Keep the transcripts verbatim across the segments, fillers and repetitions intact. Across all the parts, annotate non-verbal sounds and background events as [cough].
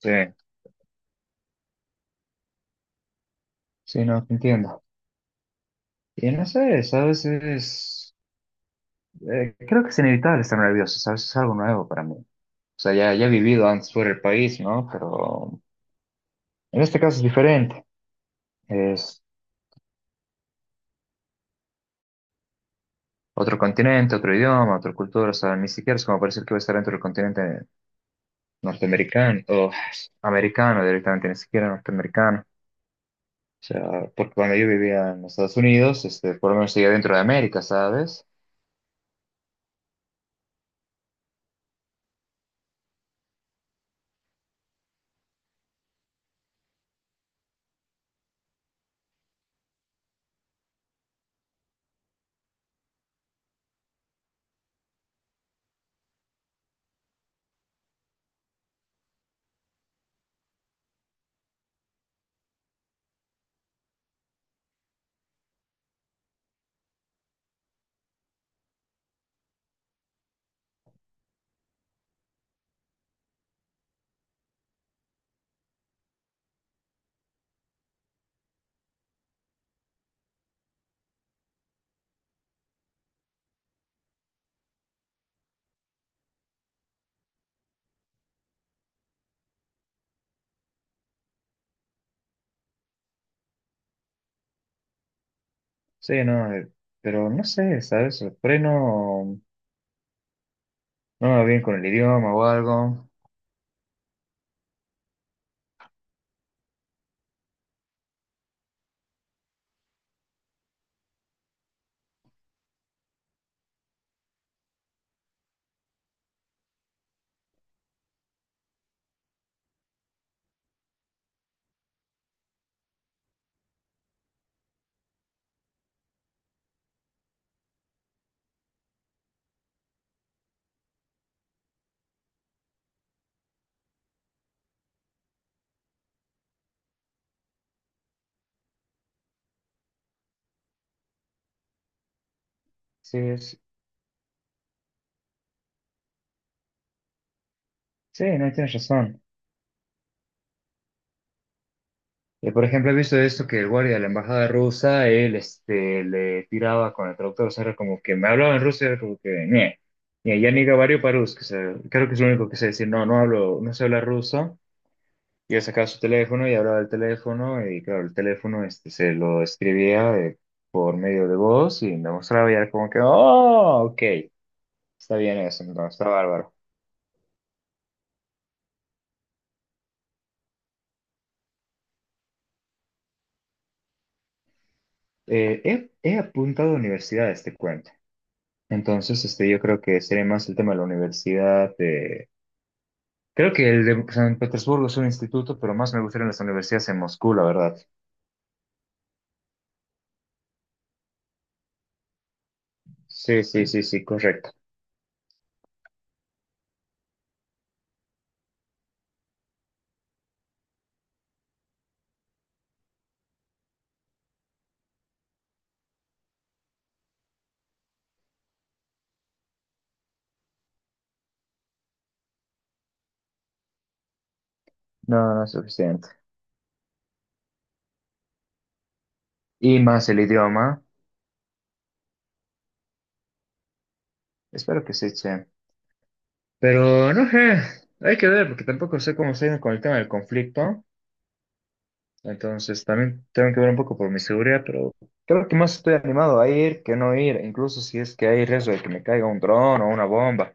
Sí, sí, no, te entiendo. Y no sé, es a veces eh, creo que es inevitable estar nervioso, ¿sabes? Es algo nuevo para mí. O sea, ya, ya he vivido antes fuera del país, ¿no? Pero en este caso es diferente. Es otro continente, otro idioma, otra cultura. O sea, ni siquiera es como parecer que voy a estar dentro del continente norteamericano o americano directamente, ni siquiera norteamericano. O sea, porque cuando yo vivía en Estados Unidos, este, por lo menos seguía dentro de América, ¿sabes? Sí, no, eh, pero no sé, ¿sabes? Por ahí no. No me va bien con el idioma o algo. Sí, es- sí, no tienes razón. Eh, por ejemplo, he visto esto que el guardia de la embajada rusa, él este, le tiraba con el traductor, o sea, era como que me hablaba en ruso, era como que, "Nie, nie, ya ni gabario parus, que se- creo que es lo único que sé decir, no, no hablo, no sé hablar ruso". Y él sacaba su teléfono y hablaba del teléfono, y claro, el teléfono este, se lo escribía eh, por medio de voz y me mostraba y era como que, oh, ok, está bien eso, no, está bárbaro. Eh, he, he apuntado a universidades, te cuento. Entonces, este, yo creo que sería más el tema de la universidad. de- Creo que el de San Petersburgo es un instituto, pero más me gustarían las universidades en Moscú, la verdad. Sí, sí, sí, sí, correcto. No, no es suficiente. Y más el idioma. Espero que sí, che. Pero no sé, hay que ver, porque tampoco sé cómo se viene con el tema del conflicto. Entonces también tengo que ver un poco por mi seguridad, pero creo que más estoy animado a ir que no ir, incluso si es que hay riesgo de que me caiga un dron o una bomba.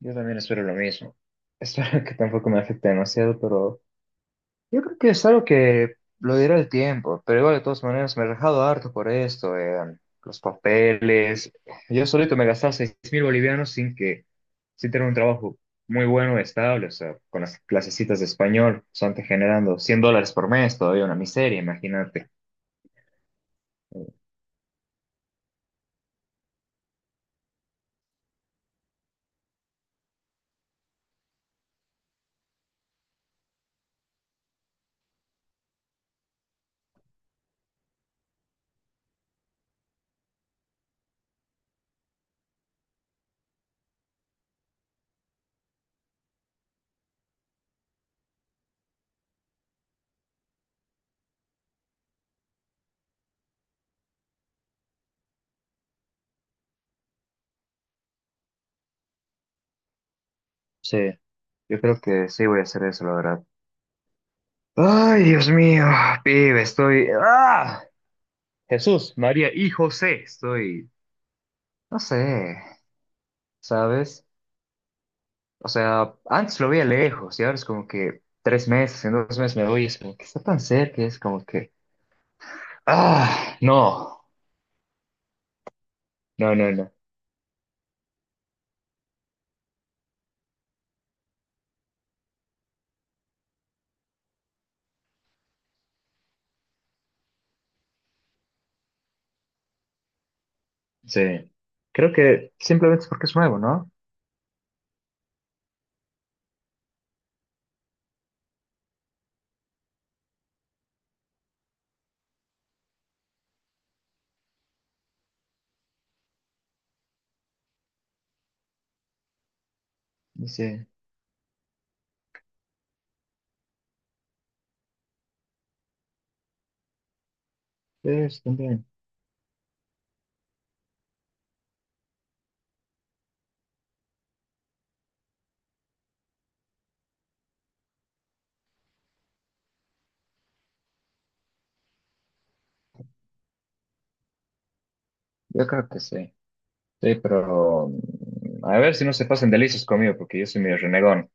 Yo también espero lo mismo. [laughs] Espero que tampoco me afecte demasiado, pero... Yo creo que es algo que lo dirá el tiempo, pero igual de todas maneras me he rajado harto por esto, eh, los papeles. Yo solito me gastaba seis mil bolivianos sin que, sin tener un trabajo muy bueno, estable, o sea, con las clasecitas de español, solamente generando cien dólares por mes, todavía una miseria, imagínate. Sí, yo creo que sí voy a hacer eso, la verdad. Ay, Dios mío, pibe, estoy... ¡Ah! Jesús, María y José, estoy... No sé, ¿sabes? O sea, antes lo veía lejos y ahora es como que tres meses, en dos meses me voy y es como que está tan cerca, es como que, ah, no, no, no, no. Sí, creo que simplemente es porque es nuevo, ¿no? Dice, es también. Yo creo que sí. Sí, pero mm, a ver si no se pasan de listos conmigo porque yo soy medio renegón.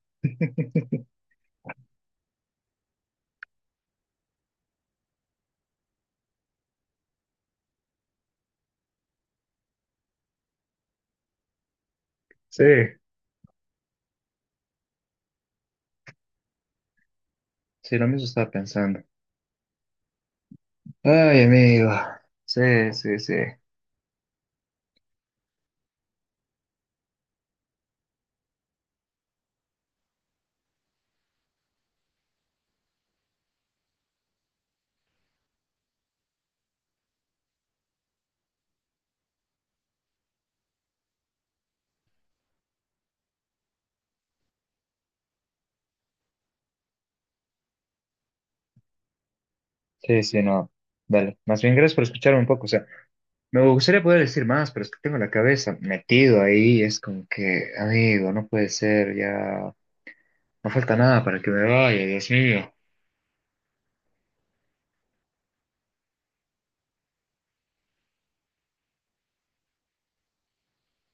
Sí, sí, lo mismo estaba pensando. Ay, amigo. Sí, sí, sí. Sí, sí, no. Dale. Más bien, gracias por escucharme un poco. O sea, me gustaría poder decir más, pero es que tengo la cabeza metido ahí, es como que, amigo, no puede ser, ya no falta nada para que me vaya, Dios mío.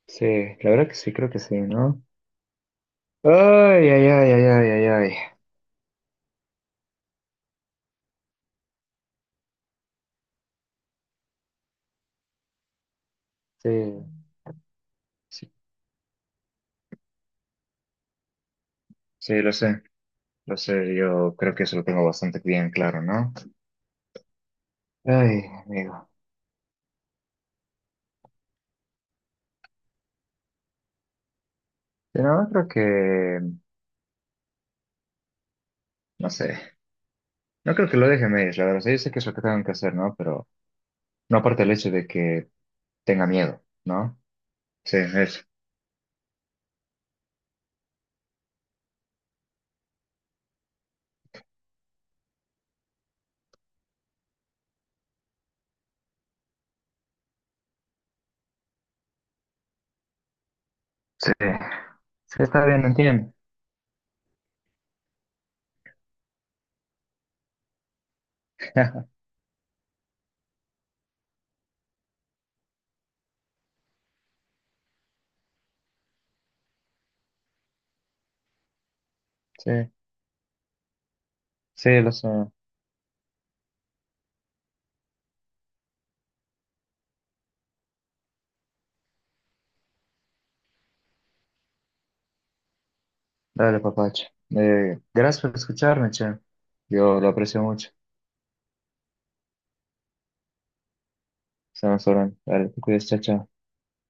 Sí, la verdad que sí, creo que sí, ¿no? Ay, ay, ay, ay, ay, ay, ay. Sí, sí, sí, lo sé, lo sé, yo creo que eso lo tengo bastante bien claro, ¿no? Ay, amigo. Pero no, no creo que, no sé, no creo que lo deje a medias, la verdad, o sea, yo sé que es lo que tengo que hacer, ¿no? Pero no aparte el hecho de que tenga miedo, ¿no? Sí, eso. Sí. Sí, está bien, entiendo. [laughs] Sí, sí, lo sé. Dale, papacho. Eh, gracias por escucharme, che. Yo lo aprecio mucho. Estamos hablando. Dale, te cuidas, chao, chao.